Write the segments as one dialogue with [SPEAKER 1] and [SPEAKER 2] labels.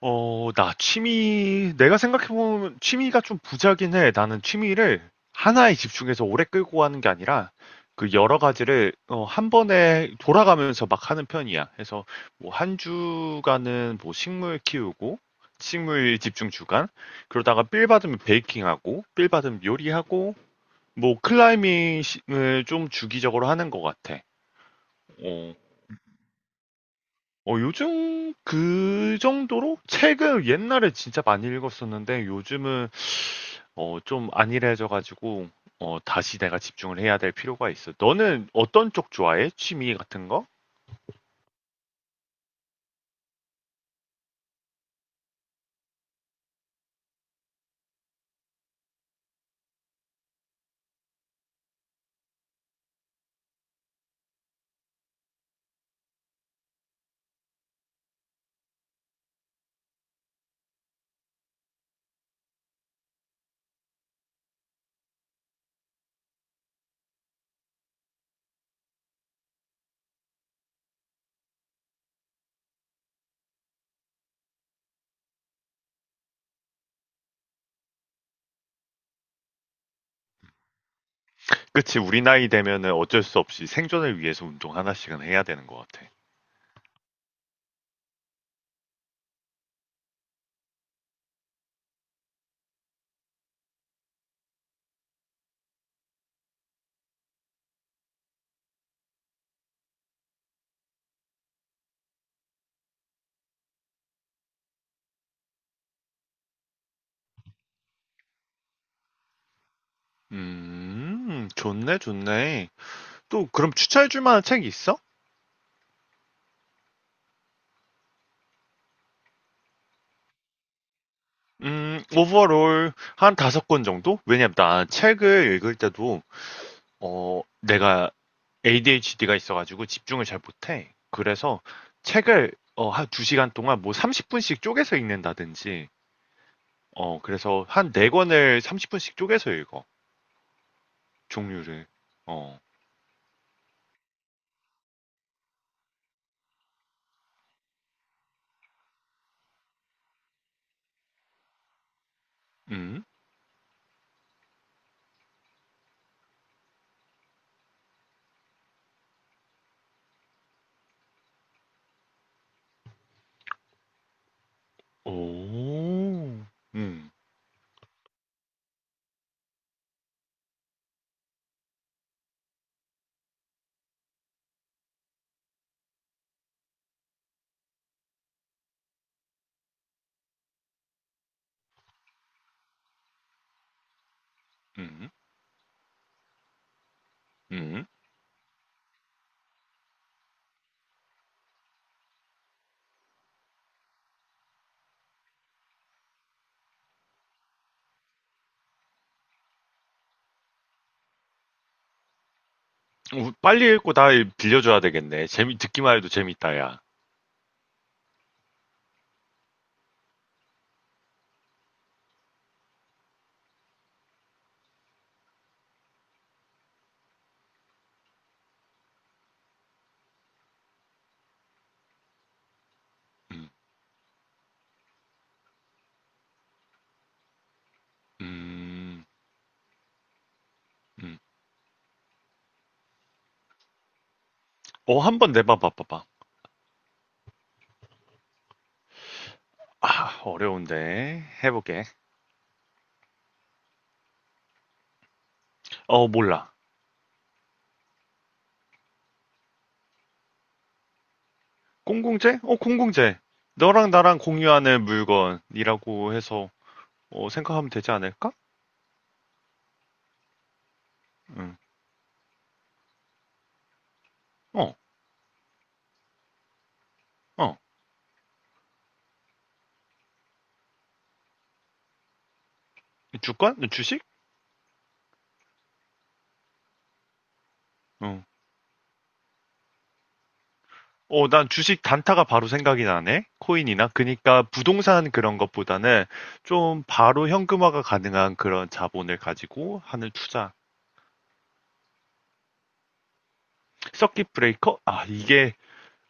[SPEAKER 1] 나 취미, 내가 생각해보면 취미가 좀 부자긴 해. 나는 취미를 하나에 집중해서 오래 끌고 가는 게 아니라 그 여러 가지를 한 번에 돌아가면서 막 하는 편이야. 그래서 뭐 한 주간은 뭐 식물 키우고, 식물 집중 주간, 그러다가 빌 받으면 베이킹하고, 빌 받으면 요리하고, 뭐 클라이밍을 좀 주기적으로 하는 것 같아. 어. 요즘 그 정도로 책을 옛날에 진짜 많이 읽었었는데 요즘은 좀 안일해져가지고 다시 내가 집중을 해야 될 필요가 있어. 너는 어떤 쪽 좋아해? 취미 같은 거? 그치, 우리 나이 되면은 어쩔 수 없이 생존을 위해서 운동 하나씩은 해야 되는 것 같아. 좋네, 좋네. 또 그럼 추천해줄 만한 책이 있어? 오버롤 한 다섯 권 정도? 왜냐면 나 책을 읽을 때도 내가 ADHD가 있어가지고 집중을 잘 못해. 그래서 책을 한 2시간 동안 뭐 30분씩 쪼개서 읽는다든지, 그래서 한 4권을 30분씩 쪼개서 읽어. 종류를. 어, 음, 오, 음, 음, 음. 빨리 읽고 다 빌려줘야 되겠네. 듣기만 해도 재밌다, 야. 음, 음, 음. 어, 한번 내봐, 봐봐봐. 아, 어려운데. 해볼게. 어, 몰라. 공공재? 공공재. 너랑 나랑 공유하는 물건이라고 해서 생각하면 되지 않을까? 응. 어, 어. 주권? 주식? 응. 어, 난 주식 단타가 바로 생각이 나네. 코인이나. 그니까 부동산 그런 것보다는 좀 바로 현금화가 가능한 그런 자본을 가지고 하는 투자. 서킷 브레이커? 아, 이게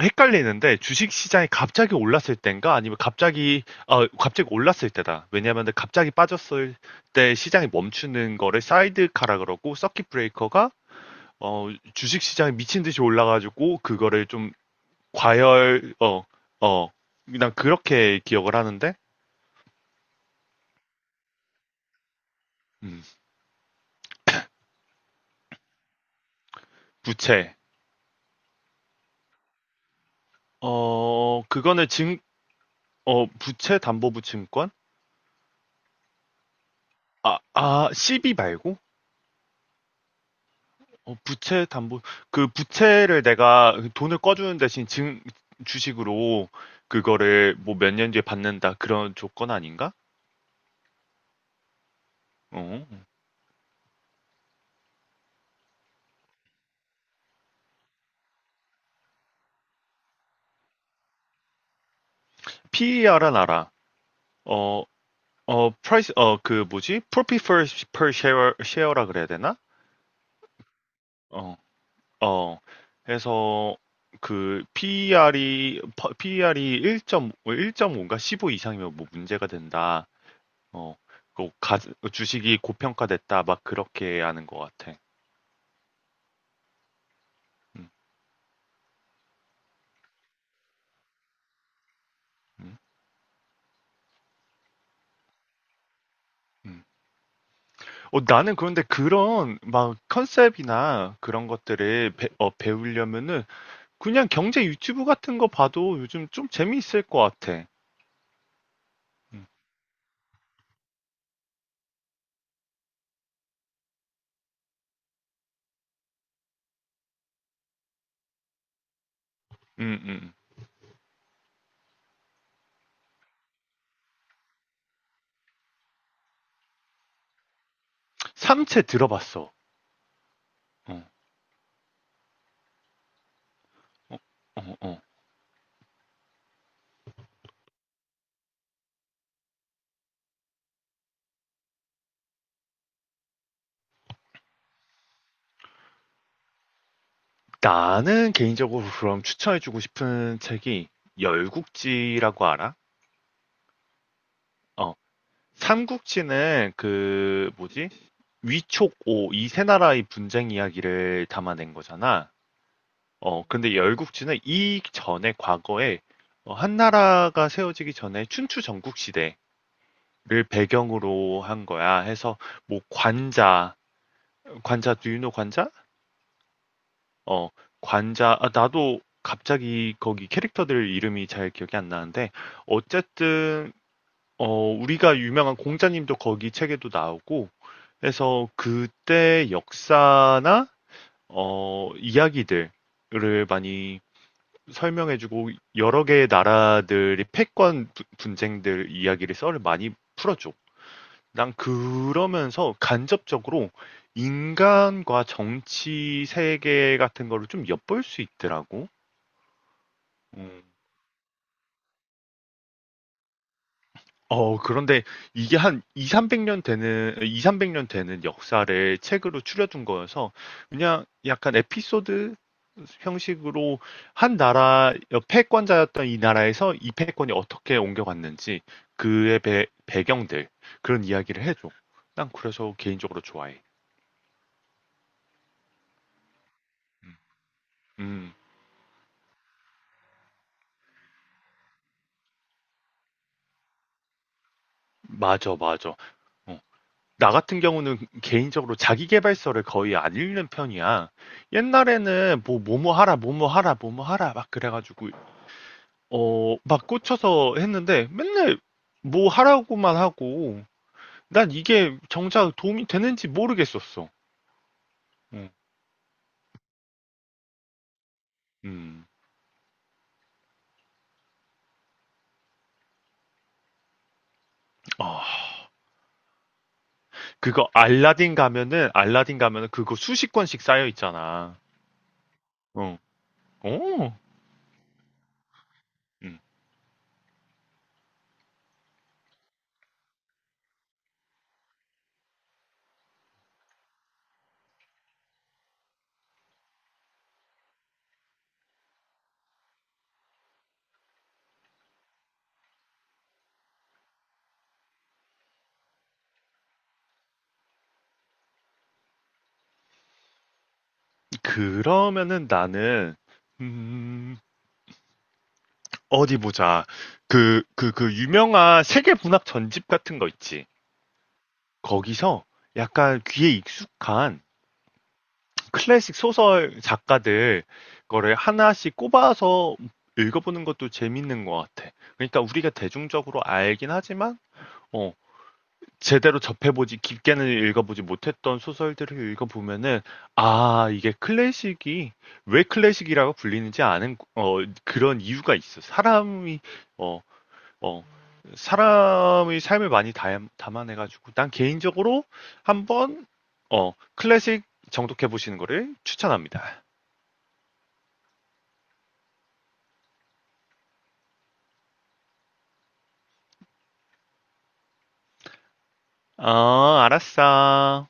[SPEAKER 1] 헷갈리는데 주식 시장이 갑자기 올랐을 때인가 아니면 갑자기 갑자기 올랐을 때다. 왜냐하면 갑자기 빠졌을 때 시장이 멈추는 거를 사이드카라 그러고, 서킷 브레이커가 어 주식 시장이 미친 듯이 올라가지고 그거를 좀 과열, 어어 그냥 그렇게 기억을 하는데. 음, 부채 어 그거는 증 어 부채 담보부 증권, 아, CB 말고. 부채 담보, 그 부채를 내가 돈을 꺼주는 대신 증, 주식으로 그거를 뭐 몇 년 뒤에 받는다. 그런 조건 아닌가? 어. PER은 알아. 어, price, 그 뭐지? Profit per share라 그래야 되나? 어, 어. 해서 그 PER이 1.5, 1.5인가? 15 이상이면 뭐 문제가 된다. 어, 그 가, 주식이 고평가됐다. 막 그렇게 하는 것 같아. 음, 음. 음. 나는 그런데 그런 막 컨셉이나 그런 것들을 배우려면은 그냥 경제 유튜브 같은 거 봐도 요즘 좀 재미있을 것 같아. 음, 음, 음. 삼체 들어봤어. 어, 어, 어, 어. 나는 개인적으로 그럼 추천해주고 싶은 책이, 열국지라고 알아? 어, 삼국지는, 그 뭐지? 위촉오 이세 나라의 분쟁 이야기를 담아낸 거잖아. 근데 열국지는 이 전에 과거에 한나라가 세워지기 전에 춘추 전국 시대를 배경으로 한 거야. 해서 뭐 관자, 관자 do you know 관자? 어, 관자. 아, 나도 갑자기 거기 캐릭터들 이름이 잘 기억이 안 나는데, 어쨌든 우리가 유명한 공자님도 거기 책에도 나오고 해서, 그때 역사나 이야기들을 많이 설명해주고, 여러 개의 나라들이 패권 분쟁들 이야기를, 썰을 많이 풀어줘. 난 그러면서 간접적으로 인간과 정치 세계 같은 거를 좀 엿볼 수 있더라고. 음. 그런데 이게 한 2, 300년 되는 역사를 책으로 추려둔 거여서 그냥 약간 에피소드 형식으로, 한 나라 패권자였던 이 나라에서 이 패권이 어떻게 옮겨갔는지, 그의 배경들, 그런 이야기를 해줘. 난 그래서 개인적으로 좋아해. 음, 맞아, 맞아. 어, 나 같은 경우는 개인적으로 자기계발서를 거의 안 읽는 편이야. 옛날에는 뭐 뭐뭐 하라, 뭐뭐 하라, 뭐뭐 하라 막 그래가지고 막 꽂혀서 했는데, 맨날 뭐 하라고만 하고 난 이게 정작 도움이 되는지 모르겠었어. 어. 음. 아, 그거 알라딘 가면은 그거 수십 권씩 쌓여 있잖아. 어. 오. 음. 그러면은 나는, 음, 어디 보자. 그 유명한 세계 문학 전집 같은 거 있지. 거기서 약간 귀에 익숙한 클래식 소설 작가들 거를 하나씩 꼽아서 읽어보는 것도 재밌는 것 같아. 그러니까 우리가 대중적으로 알긴 하지만, 어, 제대로 접해보지, 깊게는 읽어보지 못했던 소설들을 읽어보면은, 아 이게 클래식이 왜 클래식이라고 불리는지 아는, 그런 이유가 있어. 사람이 어, 어, 사람의 삶을 많이 담아내가지고, 난 개인적으로 한번 클래식 정독해 보시는 거를 추천합니다. 어, 알았어.